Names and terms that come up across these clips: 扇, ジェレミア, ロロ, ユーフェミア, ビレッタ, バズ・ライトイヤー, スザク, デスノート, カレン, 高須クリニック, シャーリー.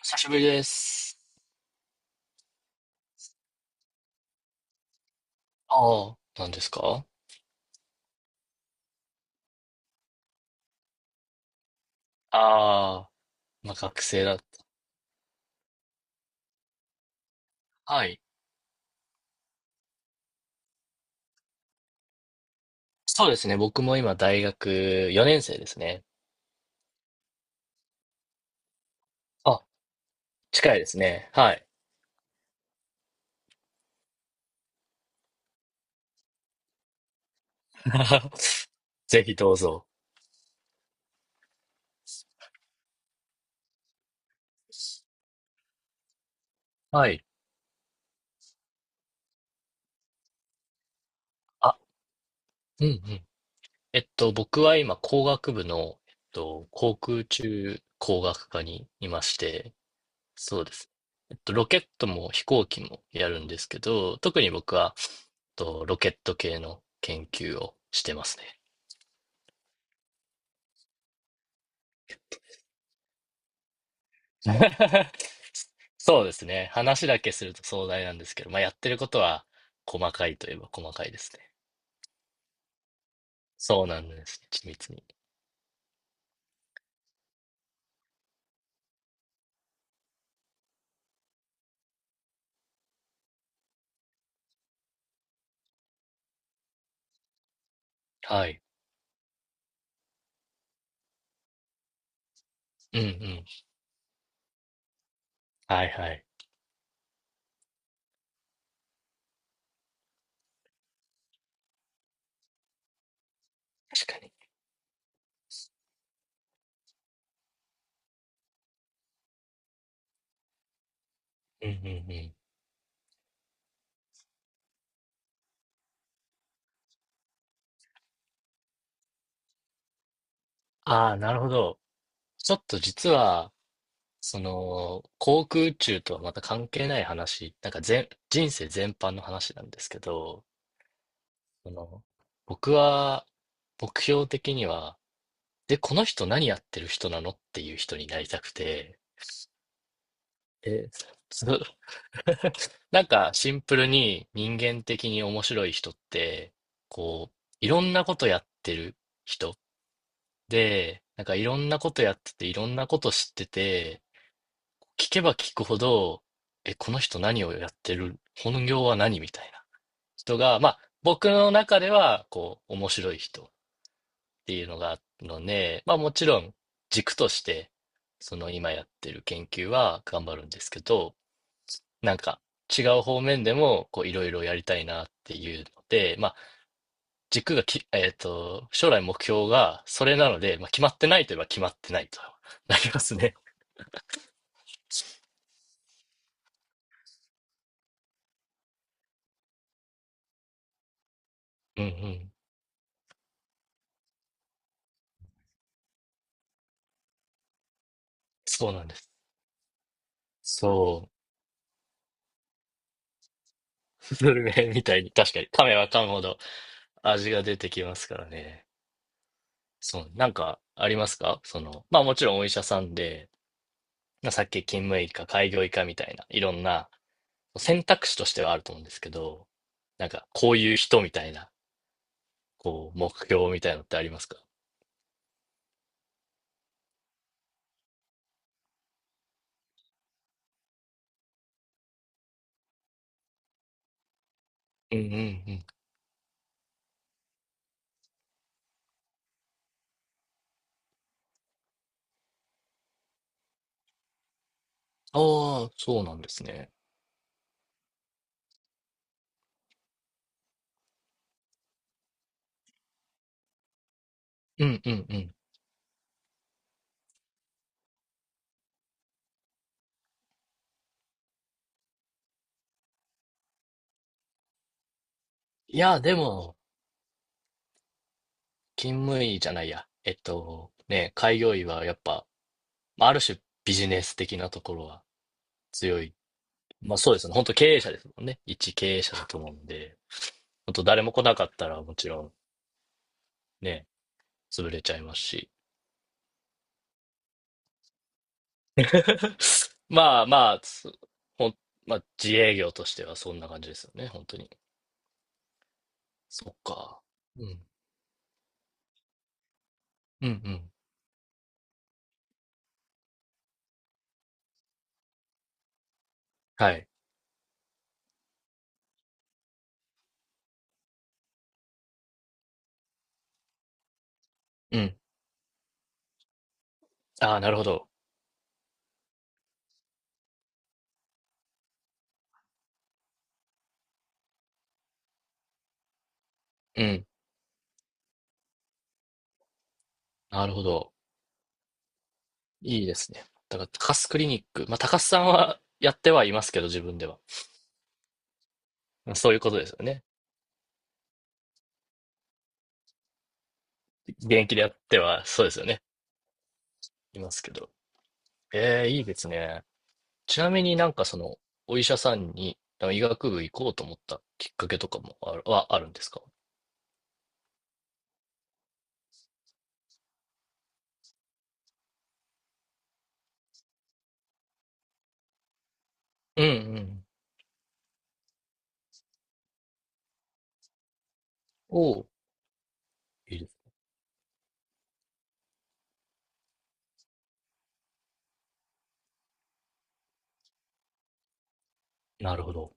久しぶりです。ああ、何ですか？ああ、まあ学生だ。はい。そうですね。僕も今大学4年生ですね。あ、近いですね。はい。ぜひどうぞ。はい。あ、うんうん。僕は今工学部の、航空宇宙工学科にいまして、そうです。えっと、ロケットも飛行機もやるんですけど、特に僕は、ロケット系の研究をしてますね。そうですね。話だけすると壮大なんですけど、まあ、やってることは細かいといえば細かいですね。そうなんです。緻密に。はい。うんうん。はいはい。確かに。うんうんうん。ああ、なるほど。ちょっと実は、その、航空宇宙とはまた関係ない話、なんか全、人生全般の話なんですけど、その、僕は、目標的には、で、この人何やってる人なのっていう人になりたくて、え、つなんかシンプルに人間的に面白い人って、こう、いろんなことやってる人で、なんかいろんなことやってて、いろんなこと知ってて、聞けば聞くほど、え、この人何をやってる、本業は何みたいな人が、まあ、僕の中では、こう、面白い人。っていうのがあるので、まあもちろん軸として、その今やってる研究は頑張るんですけど、なんか違う方面でもこういろいろやりたいなっていうので、まあ軸がき、将来目標がそれなので、まあ決まってないといえば決まってないと なりますね。うんうん。そうなんです。そう。スルメみたいに、確かに噛めば噛むほど味が出てきますからね。そう。なんかありますか？その、まあもちろんお医者さんで、まあさっき勤務医か開業医かみたいな、いろんな選択肢としてはあると思うんですけど、なんか、こういう人みたいな、こう、目標みたいなのってありますか？うんうんうん。ああ、そうなんですね。うんうんうん。いや、でも、勤務医じゃないや。えっと、ね、開業医はやっぱ、まあある種ビジネス的なところは強い。まあそうですね。本当経営者ですもんね。一経営者だと思うんで、本当誰も来なかったらもちろんね、潰れちゃいますし。まあまあ、つほん、まあ、自営業としてはそんな感じですよね、本当に。そっか。うん。うんうん。はい。うん。ああ、なるほど。うん。なるほど。いいですね。だから、高須クリニック。まあ、高須さんはやってはいますけど、自分では。まあそういうことですよね。現役でやっては、そうですよね。いますけど。ええ、いいですね。ちなみになんかその、お医者さんに、なんか医学部行こうと思ったきっかけとかもある、はあるんですか？うんうん。おお。なるほど。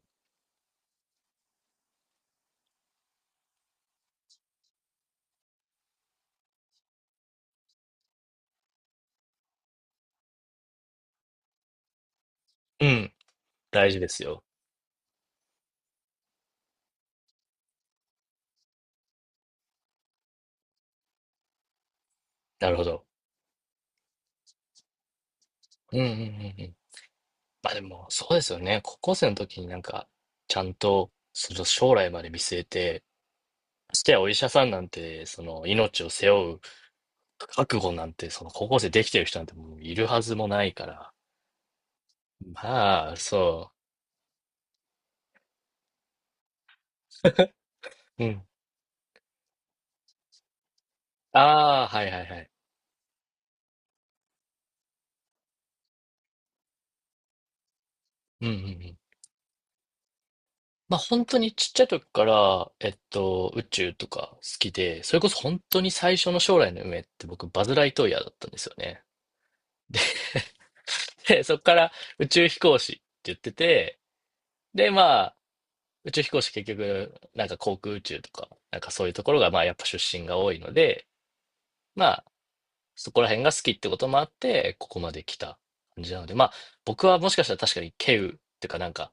うん。大事ですよ。なるほど。うんうんうんうん。まあでも、そうですよね。高校生の時になんか、ちゃんと、その将来まで見据えて、ましてやお医者さんなんて、その命を背負う覚悟なんて、その高校生できてる人なんてもういるはずもないから。まあ、そう。うん。ああ、はいはいはい。うんうんうん。まあ本当にちっちゃい時から、宇宙とか好きで、それこそ本当に最初の将来の夢って僕、バズ・ライトイヤーだったんですよね。で、そこから宇宙飛行士って言ってて、で、まあ、宇宙飛行士結局、なんか航空宇宙とか、なんかそういうところが、まあやっぱ出身が多いので、まあ、そこら辺が好きってこともあって、ここまで来た感じなので、まあ、僕はもしかしたら確かに稀有ていうかなんか、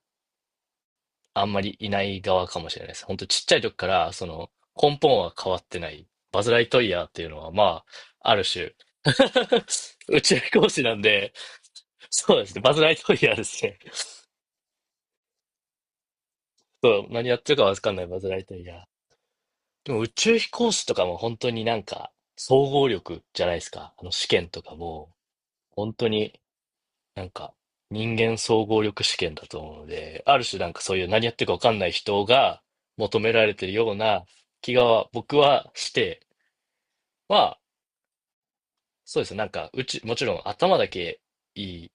あんまりいない側かもしれないです。本当ちっちゃい時から、その、根本は変わってない、バズ・ライトイヤーっていうのは、まあ、ある種 宇宙飛行士なんで、そうですね、バズ・ライトイヤーですね。そう、何やってるかわかんないバズ・ライトイヤー。でも宇宙飛行士とかも本当になんか、総合力じゃないですか。あの試験とかも、本当になんか、人間総合力試験だと思うので、ある種なんかそういう何やってるかわかんない人が求められてるような気が僕はして、まあ、そうですね。なんか、うち、もちろん頭だけいい、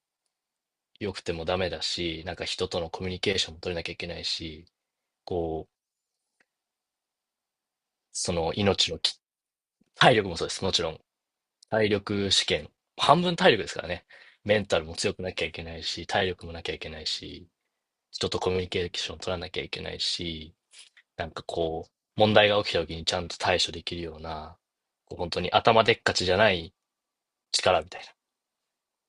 良くてもダメだし、なんか人とのコミュニケーションも取れなきゃいけないし、こう、その命のき、体力もそうです。もちろん。体力試験。半分体力ですからね。メンタルも強くなきゃいけないし、体力もなきゃいけないし、人とコミュニケーション取らなきゃいけないし、なんかこう、問題が起きた時にちゃんと対処できるような、こう本当に頭でっかちじゃない力みたい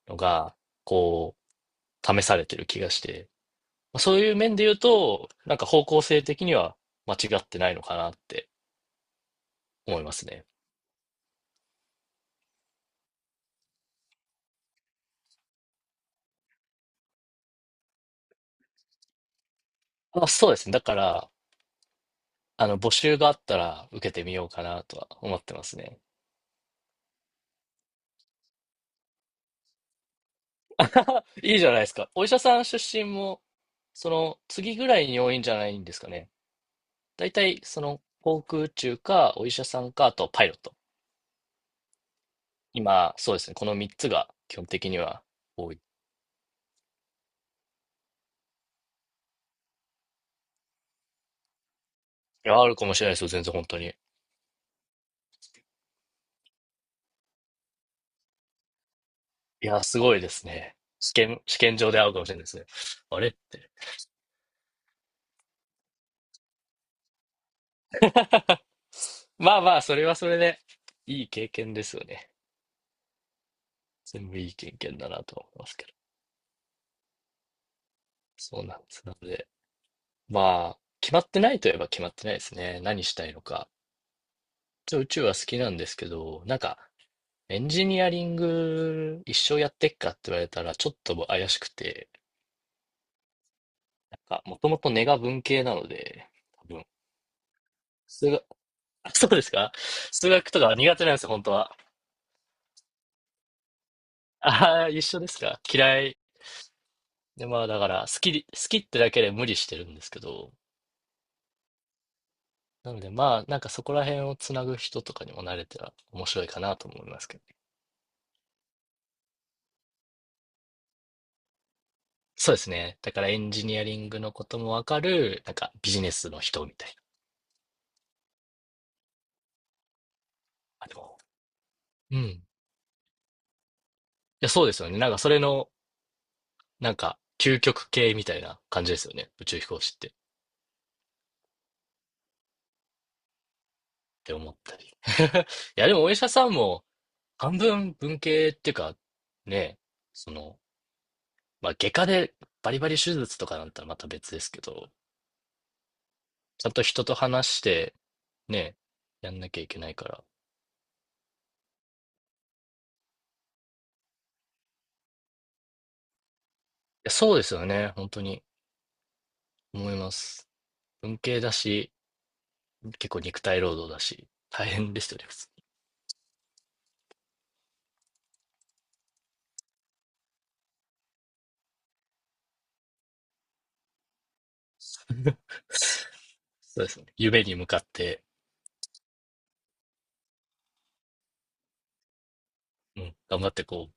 なのが、こう、試されてる気がして、まあそういう面で言うと、なんか方向性的には間違ってないのかなって思いますね。あ、そうですね。だから、あの、募集があったら受けてみようかなとは思ってますね。いいじゃないですか。お医者さん出身も、その次ぐらいに多いんじゃないんですかね。大体、その航空宇宙か、お医者さんか、あとパイロット。今、そうですね。この3つが基本的には多い。いや、あるかもしれないですよ。全然本当に。いや、すごいですね。試験場で会うかもしれないですね。あれって。まあまあ、それはそれで、いい経験ですよね。全部いい経験だなと思いますけど。そうなんです。なので、まあ、決まってないといえば決まってないですね。何したいのか。一応宇宙は好きなんですけど、なんか、エンジニアリング一生やってっかって言われたらちょっと怪しくて、なんか、もともと根が文系なので、多分、数学、あ、そうですか？数学とか苦手なんですよ、本当は。ああ、一緒ですか？嫌い。で、まあだから、好きってだけで無理してるんですけど、なのでまあ、なんかそこら辺をつなぐ人とかにも慣れたら面白いかなと思いますけどね。そうですね。だからエンジニアリングのこともわかる、なんかビジネスの人みたいな。あ、でも、うん。や、そうですよね。なんかそれの、なんか、究極系みたいな感じですよね。宇宙飛行士って。って思ったり。いや、でもお医者さんも、半分文系っていうか、ね、その、まあ、外科でバリバリ手術とかなんたらまた別ですけど、ちゃんと人と話して、ね、やんなきゃいけないから。いや、そうですよね。本当に思います。文系だし、結構肉体労働だし、大変でしたね、普通に。そうですね。夢に向かって、うん、頑張ってこう、